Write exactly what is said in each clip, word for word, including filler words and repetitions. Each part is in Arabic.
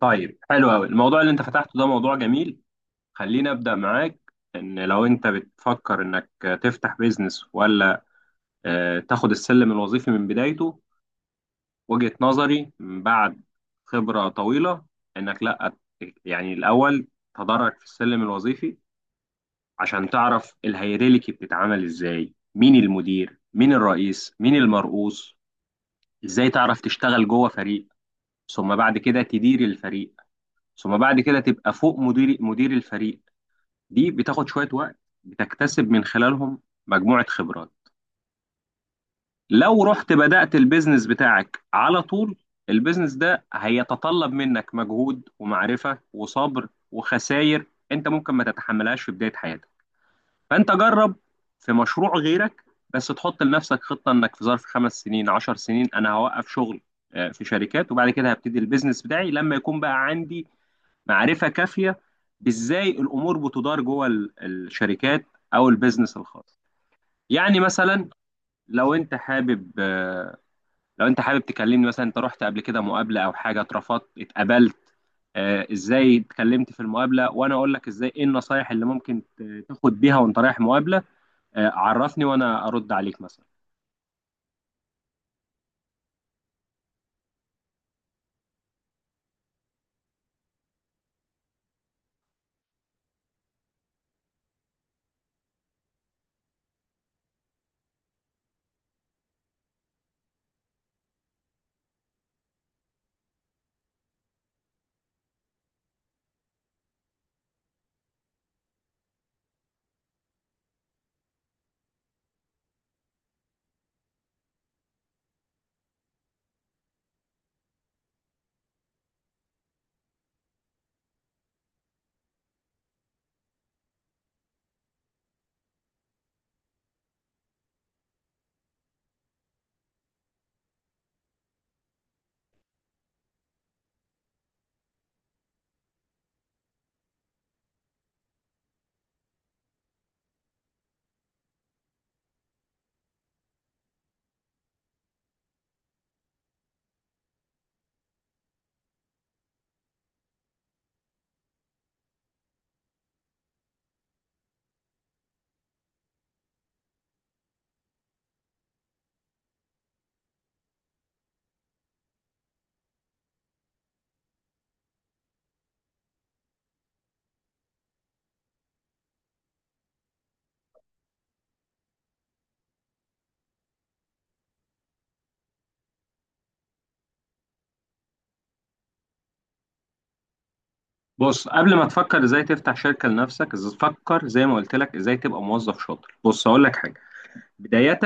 طيب، حلو قوي. الموضوع اللي انت فتحته ده موضوع جميل. خليني ابدا معاك. ان لو انت بتفكر انك تفتح بيزنس، ولا آه، تاخد السلم الوظيفي من بدايته، وجهة نظري من بعد خبرة طويلة انك لا، يعني الاول تدرج في السلم الوظيفي عشان تعرف الهيراركي بتتعمل ازاي، مين المدير مين الرئيس مين المرؤوس، ازاي تعرف تشتغل جوه فريق، ثم بعد كده تدير الفريق، ثم بعد كده تبقى فوق مدير مدير الفريق. دي بتاخد شوية وقت، بتكتسب من خلالهم مجموعة خبرات. لو رحت بدأت البيزنس بتاعك على طول، البيزنس ده هيتطلب منك مجهود ومعرفة وصبر وخسائر، انت ممكن ما تتحملهاش في بداية حياتك. فانت جرب في مشروع غيرك، بس تحط لنفسك خطة انك في ظرف خمس سنين عشر سنين انا هوقف شغل آه، في شركات، وبعد كده هبتدي البيزنس بتاعي لما يكون بقى عندي معرفة كافية بإزاي الأمور بتدار جوه ال- الشركات أو البيزنس الخاص. يعني مثلا لو أنت حابب آه، لو أنت حابب تكلمني، مثلا أنت رحت قبل كده مقابلة أو حاجة، اترفضت اتقبلت آه، إزاي اتكلمت في المقابلة، وأنا أقول لك إزاي، إيه النصايح اللي ممكن ت- تاخد بيها وأنت رايح مقابلة. آه، عرفني وأنا أرد عليك مثلا. بص، قبل ما تفكر ازاي تفتح شركة لنفسك، إز- فكر زي ما قلت لك ازاي تبقى موظف شاطر. بص اقول لك حاجة، بداية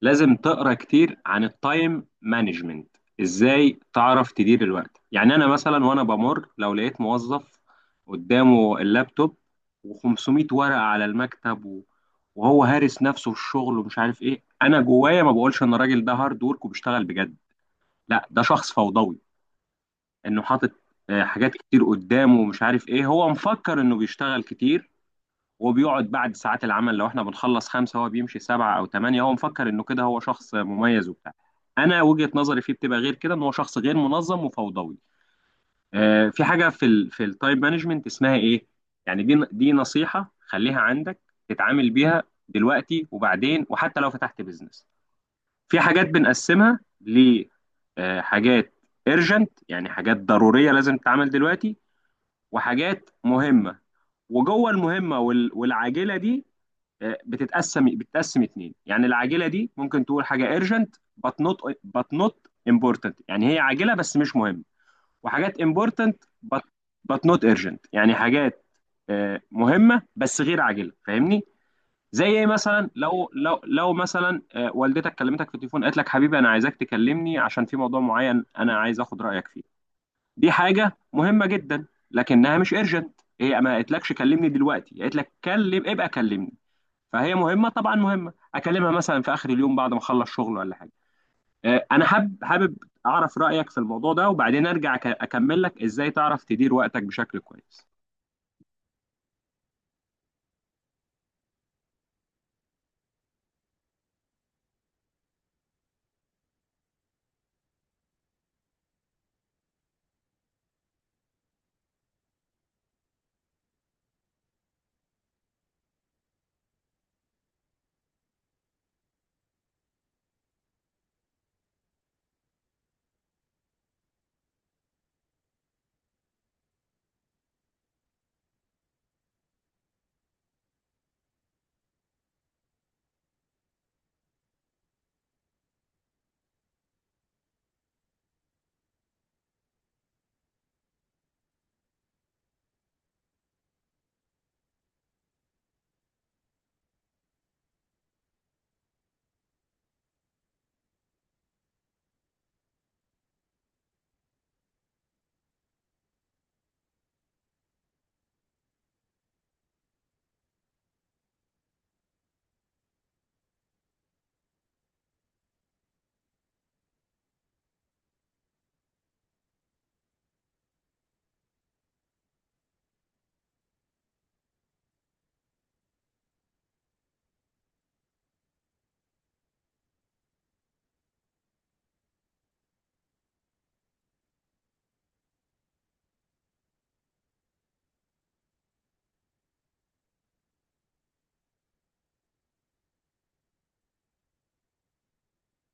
لازم تقرا كتير عن التايم مانجمنت. ازاي تعرف تدير الوقت؟ يعني انا مثلا وانا بمر، لو لقيت موظف قدامه اللابتوب و500 ورقه على المكتب و- وهو هارس نفسه في الشغل ومش عارف ايه، انا جوايا ما بقولش ان الراجل ده هارد ورك وبيشتغل بجد. لا، ده شخص فوضوي، انه حاطط آه، حاجات كتير قدامه ومش عارف ايه. هو مفكر انه بيشتغل كتير، وبيقعد بعد ساعات العمل. لو احنا بنخلص خمسة هو بيمشي سبعة أو تمانية، هو مفكر إنه كده هو شخص مميز وبتاع. أنا وجهة نظري فيه بتبقى غير كده، إن هو شخص غير منظم وفوضوي. آه، في حاجة في ال في التايم مانجمنت اسمها إيه؟ يعني دي دي نصيحة خليها عندك، تتعامل بيها دلوقتي وبعدين، وحتى لو فتحت بيزنس. في حاجات بنقسمها لحاجات ايرجنت، يعني حاجات ضرورية لازم تتعمل دلوقتي، وحاجات مهمة. وجوه المهمة وال- والعاجلة دي بتتقسم بتتقسم اتنين. يعني العاجله دي ممكن تقول حاجه urgent but not but not important، يعني هي عاجله بس مش مهم. وحاجات important but but not urgent، يعني حاجات آه، مهمه بس غير عاجله، فاهمني؟ زي ايه مثلا؟ لو لو لو مثلا آه، والدتك كلمتك في التليفون، قالت لك حبيبي انا عايزاك تكلمني عشان في موضوع معين انا عايز اخد رايك فيه. دي حاجه مهمه جدا، لكنها مش urgent. هي ما قالتلكش كلمني دلوقتي، قالت لك كلم ابقى كلمني. فهي مهمه، طبعا مهمه، اكلمها مثلا في اخر اليوم بعد ما اخلص شغل ولا حاجه. آه، انا حابب حابب اعرف رايك في الموضوع ده، وبعدين ارجع أك- اكمل لك ازاي تعرف تدير وقتك بشكل كويس.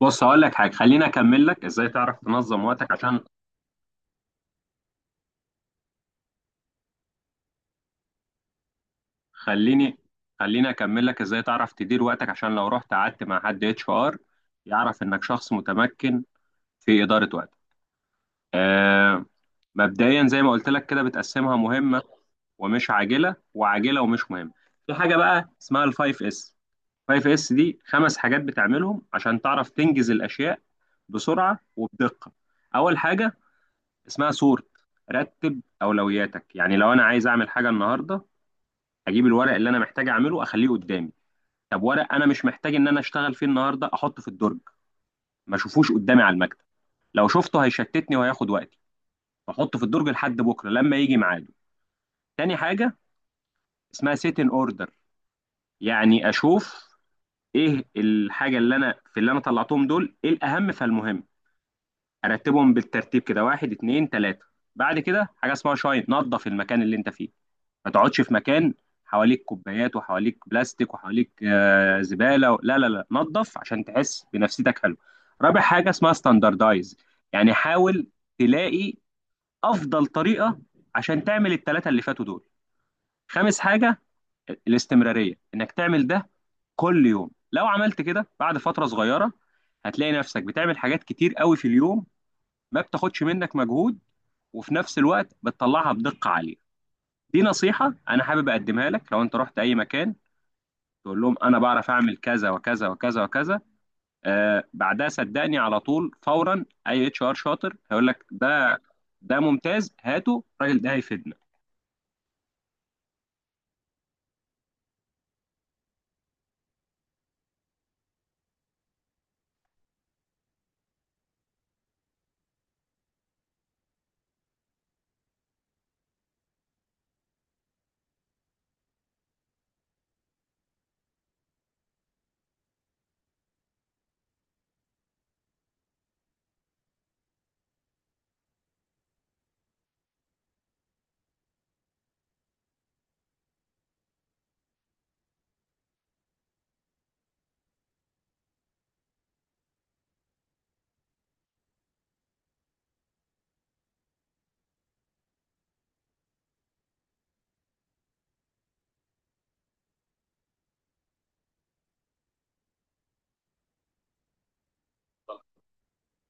بص هقول لك حاجه، خليني اكمل لك ازاي تعرف تنظم وقتك. عشان خليني خليني اكمل لك ازاي تعرف تدير وقتك عشان لو رحت قعدت مع حد اتش ار يعرف انك شخص متمكن في اداره وقتك. آه، مبدئيا زي ما قلت لك كده بتقسمها مهمه ومش عاجله، وعاجله ومش مهمه. في حاجه بقى اسمها الفايف اس. الفايف اس دي خمس حاجات بتعملهم عشان تعرف تنجز الاشياء بسرعه وبدقه. اول حاجه اسمها سورت، رتب اولوياتك. يعني لو انا عايز اعمل حاجه النهارده، اجيب الورق اللي انا محتاج اعمله اخليه قدامي. طب ورق انا مش محتاج ان انا اشتغل فيه النهارده، احطه في الدرج ما اشوفوش قدامي على المكتب. لو شفته هيشتتني وهياخد وقتي، احطه في الدرج لحد بكره لما يجي ميعاده. تاني حاجه اسمها سيت ان اوردر، يعني اشوف ايه الحاجه اللي انا في، اللي انا طلعتهم دول ايه الاهم فالمهم. ارتبهم بالترتيب كده، واحد اتنين تلاته. بعد كده حاجه اسمها شاين، نظف المكان اللي انت فيه. ما تقعدش في مكان حواليك كوبايات وحواليك بلاستيك وحواليك آه، زباله و... لا لا لا، نظف عشان تحس بنفسيتك حلو. رابع حاجه اسمها ستاندردايز، يعني حاول تلاقي افضل طريقه عشان تعمل التلاته اللي فاتوا دول. خامس حاجه الاستمرارية، انك تعمل ده كل يوم. لو عملت كده بعد فترة صغيرة هتلاقي نفسك بتعمل حاجات كتير قوي في اليوم، ما بتاخدش منك مجهود، وفي نفس الوقت بتطلعها بدقة عالية. دي نصيحة انا حابب اقدمها لك. لو انت رحت اي مكان تقول لهم انا بعرف اعمل كذا وكذا وكذا وكذا، آه بعدها صدقني على طول فورا اي اتش ار شاطر هيقول لك ده ده ممتاز، هاته الراجل ده هيفيدنا.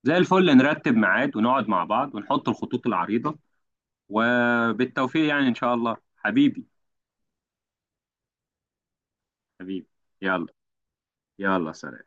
زي الفل، نرتب ميعاد ونقعد مع بعض ونحط الخطوط العريضة، وبالتوفيق يعني، إن شاء الله حبيبي. حبيبي، يلا، يلا سلام.